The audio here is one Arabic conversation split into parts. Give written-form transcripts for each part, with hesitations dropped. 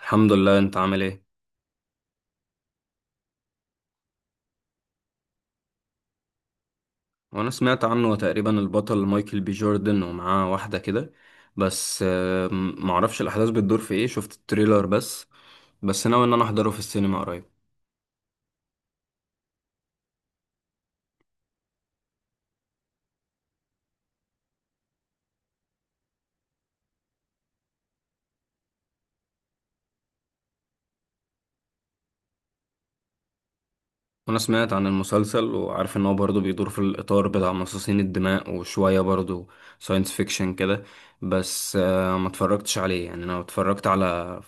الحمد لله، انت عامل ايه؟ وانا سمعت عنه تقريبا، البطل مايكل بي جوردن ومعاه واحدة كده. بس معرفش الاحداث بتدور في ايه، شفت التريلر بس. بس ناوي ان انا احضره في السينما قريب. انا سمعت عن المسلسل وعارف ان هو برضه بيدور في الاطار بتاع مصاصين الدماء، وشويه برضه ساينس فيكشن كده. بس ما اتفرجتش عليه يعني. انا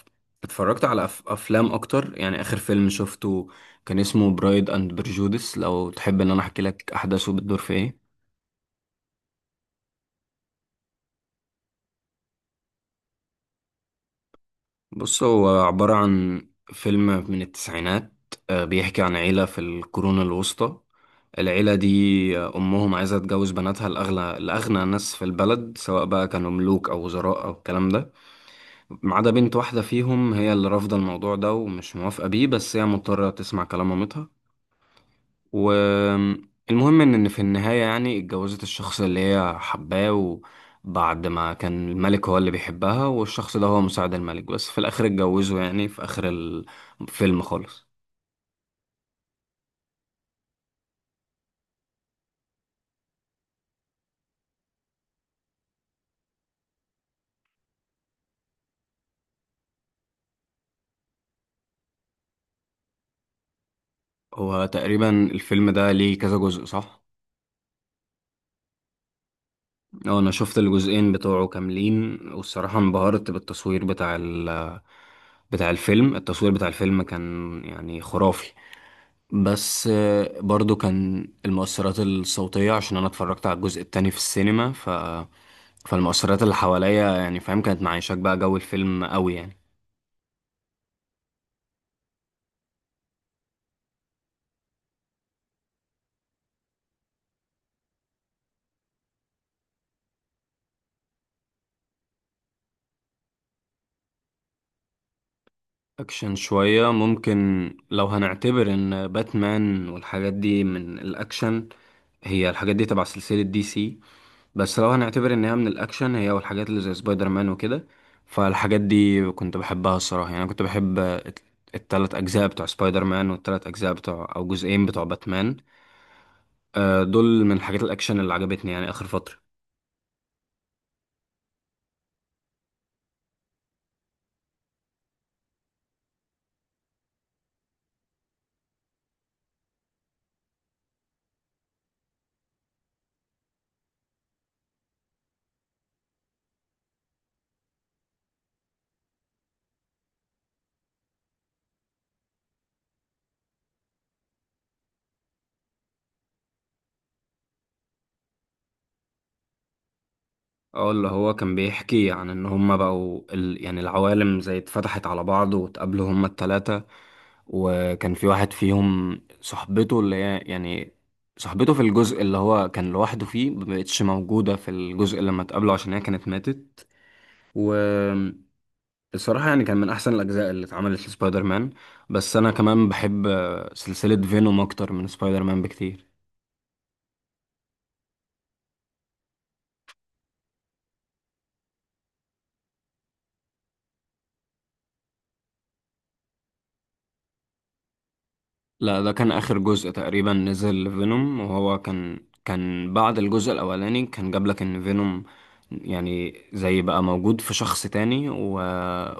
اتفرجت على افلام اكتر. يعني اخر فيلم شفته كان اسمه برايد اند برجودس، لو تحب ان انا احكي لك. احداثه بتدور في ايه؟ بص، هو عبارة عن فيلم من التسعينات. بيحكي عن عيلة في القرون الوسطى. العيلة دي أمهم عايزة تجوز بناتها لأغنى ناس في البلد، سواء بقى كانوا ملوك أو وزراء أو الكلام ده. ما عدا بنت واحدة فيهم، هي اللي رافضة الموضوع ده ومش موافقة بيه، بس هي مضطرة تسمع كلام مامتها. والمهم ان في النهاية يعني اتجوزت الشخص اللي هي حباه. وبعد ما كان الملك هو اللي بيحبها، والشخص ده هو مساعد الملك، بس في الاخر اتجوزوا يعني، في اخر الفيلم خالص. هو تقريبا الفيلم ده ليه كذا جزء، صح؟ اه، انا شفت الجزئين بتوعه كاملين، والصراحة انبهرت بالتصوير بتاع بتاع الفيلم. التصوير بتاع الفيلم كان يعني خرافي. بس برضو كان المؤثرات الصوتية، عشان أنا اتفرجت على الجزء التاني في السينما فالمؤثرات اللي حواليا يعني، فاهم، كانت معيشاك بقى جو الفيلم قوي يعني. أكشن شوية ممكن، لو هنعتبر إن باتمان والحاجات دي من الأكشن. هي الحاجات دي تبع سلسلة دي سي. بس لو هنعتبر إن هي من الأكشن، هي والحاجات اللي زي سبايدر مان وكده، فالحاجات دي كنت بحبها الصراحة يعني. أنا كنت بحب التلات أجزاء بتوع سبايدر مان، والتلات أجزاء بتوع، أو جزئين بتوع، باتمان. دول من حاجات الاكشن اللي عجبتني يعني اخر فتره. اه، اللي هو كان بيحكي عن ان هما بقوا يعني العوالم زي اتفتحت على بعض، واتقابلوا هما التلاتة. وكان في واحد فيهم صاحبته، اللي هي يعني صاحبته في الجزء اللي هو كان لوحده فيه، مبقتش موجودة في الجزء لما اتقابلوا، عشان هي كانت ماتت. والصراحة يعني كان من أحسن الأجزاء اللي اتعملت لسبايدر مان. بس أنا كمان بحب سلسلة فينوم أكتر من سبايدر مان بكتير. لا، ده كان آخر جزء تقريبا نزل فينوم، وهو كان بعد الجزء الأولاني. كان جاب لك إن فينوم يعني زي بقى موجود في شخص تاني،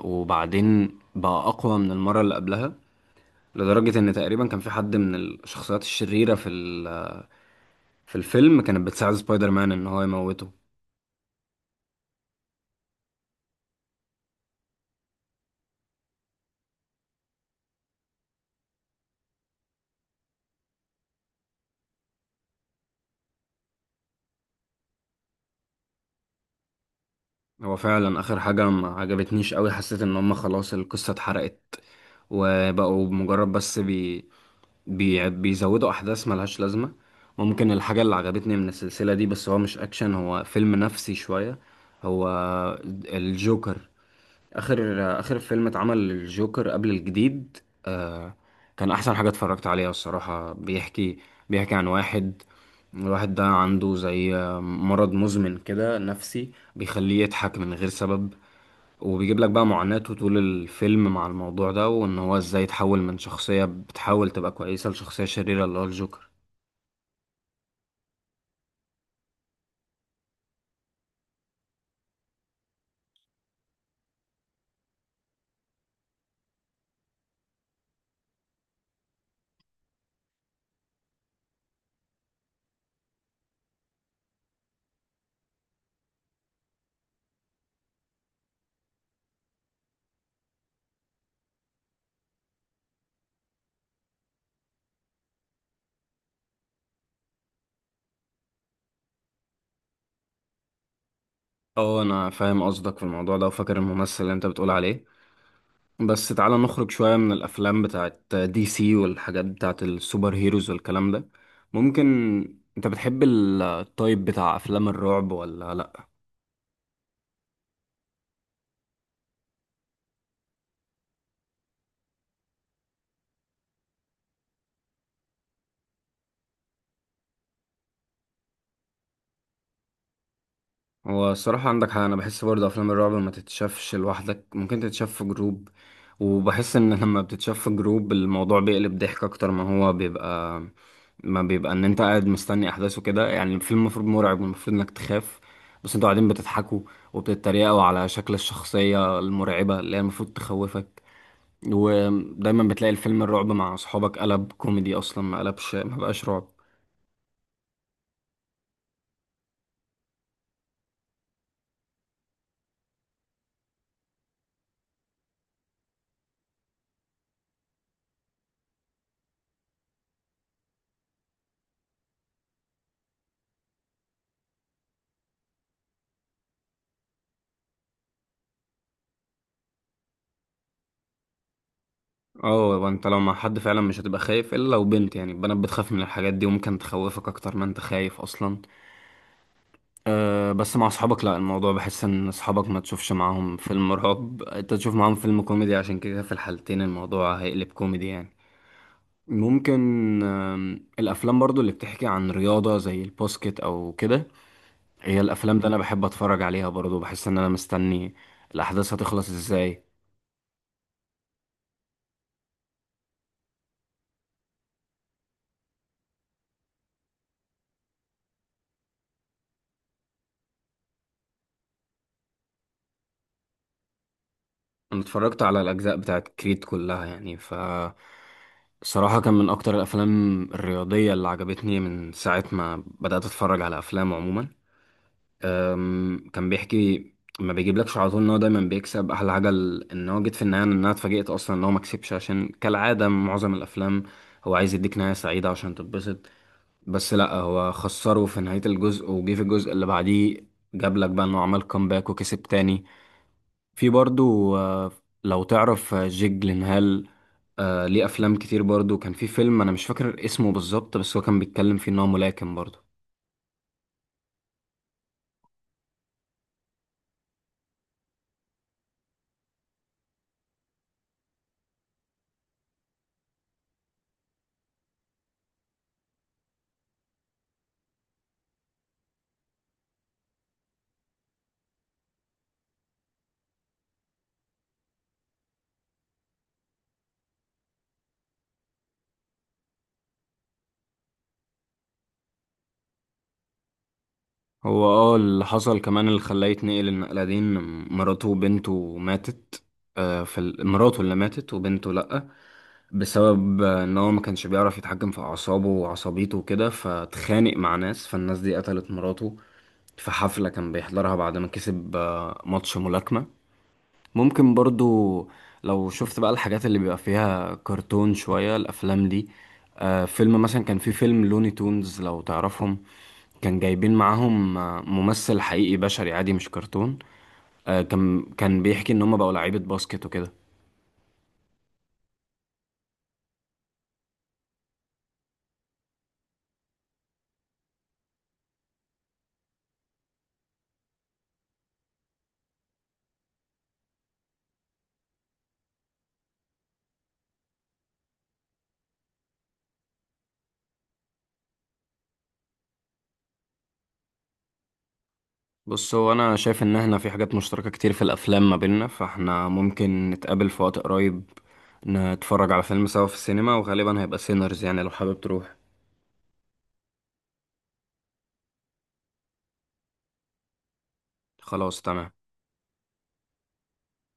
وبعدين بقى أقوى من المرة اللي قبلها. لدرجة إن تقريبا كان في حد من الشخصيات الشريرة في في الفيلم كانت بتساعد سبايدر مان إن هو يموته. هو فعلا آخر حاجة ما عجبتنيش قوي. حسيت إن هما خلاص القصة اتحرقت، وبقوا مجرد بس بيزودوا احداث ملهاش لازمه. ممكن الحاجه اللي عجبتني من السلسله دي، بس هو مش اكشن، هو فيلم نفسي شويه، هو الجوكر. اخر اخر فيلم اتعمل للجوكر قبل الجديد. آه... كان احسن حاجه اتفرجت عليها الصراحه. بيحكي عن واحد. الواحد ده عنده زي مرض مزمن كده نفسي بيخليه يضحك من غير سبب. وبيجيب لك بقى معاناته طول الفيلم مع الموضوع ده، وان هو ازاي يتحول من شخصية بتحاول تبقى كويسة لشخصية شريرة اللي هو الجوكر. اه، انا فاهم قصدك في الموضوع ده وفاكر الممثل اللي انت بتقول عليه. بس تعالى نخرج شوية من الافلام بتاعت دي سي والحاجات بتاعت السوبر هيروز والكلام ده. ممكن، انت بتحب التايب بتاع افلام الرعب ولا؟ هو الصراحة عندك حق، أنا بحس برضه أفلام الرعب ما تتشافش لوحدك، ممكن تتشاف في جروب. وبحس إن لما بتتشاف في جروب، الموضوع بيقلب ضحك أكتر ما بيبقى إن أنت قاعد مستني أحداثه كده يعني. الفيلم المفروض مرعب والمفروض إنك تخاف، بس أنتوا قاعدين بتضحكوا، وبتتريقوا على شكل الشخصية المرعبة اللي هي المفروض تخوفك. ودايما بتلاقي الفيلم الرعب مع أصحابك قلب كوميدي، أصلا ما قلبش، ما بقاش رعب. اه، انت لو مع حد فعلا مش هتبقى خايف، الا لو بنت، يعني البنات بتخاف من الحاجات دي وممكن تخوفك اكتر ما انت خايف اصلا. أه، بس مع اصحابك لا، الموضوع بحس ان اصحابك ما تشوفش معاهم فيلم رعب، انت تشوف معاهم فيلم كوميدي، عشان كده في الحالتين الموضوع هيقلب كوميدي يعني. ممكن الافلام برضو اللي بتحكي عن رياضة زي الباسكت او كده، هي الافلام ده انا بحب اتفرج عليها برضو، بحس ان انا مستني الاحداث هتخلص ازاي. انا اتفرجت على الاجزاء بتاعت كريد كلها، يعني ف الصراحه كان من اكتر الافلام الرياضيه اللي عجبتني من ساعه ما بدات اتفرج على افلام عموما. كان بيحكي، ما بيجيبلكش على طول ان هو دايما بيكسب احلى حاجه، ان هو جيت في النهايه ان انا اتفاجئت اصلا ان هو ما كسبش، عشان كالعاده معظم الافلام هو عايز يديك نهايه سعيده عشان تتبسط. بس لا، هو خسره في نهايه الجزء، وجه في الجزء اللي بعديه جابلك بقى انه عمل كومباك وكسب تاني. في برضو لو تعرف جيك جلينهال، ليه افلام كتير برضو. كان في فيلم انا مش فاكر اسمه بالظبط، بس هو كان بيتكلم فيه ان هو ملاكم برضو. هو اه، اللي حصل كمان اللي خلاه يتنقل النقلة دي، ان مراته وبنته ماتت. في مراته اللي ماتت وبنته لأ. بسبب ان هو ما كانش بيعرف يتحكم في اعصابه وعصبيته وكده، فاتخانق مع ناس، فالناس دي قتلت مراته في حفلة كان بيحضرها بعد ما كسب ماتش ملاكمة. ممكن برضو لو شفت بقى الحاجات اللي بيبقى فيها كرتون شوية، الأفلام دي، آه، فيلم مثلا. كان في فيلم لوني تونز، لو تعرفهم، كان جايبين معاهم ممثل حقيقي بشري عادي مش كرتون. آه، كان بيحكي إن هما بقوا لعيبة باسكت وكده. بص، هو أنا شايف إن احنا في حاجات مشتركة كتير في الأفلام ما بيننا، فاحنا ممكن نتقابل في وقت قريب، نتفرج على فيلم سوا في السينما، وغالبا هيبقى سينرز، يعني لو حابب تروح. خلاص، تمام.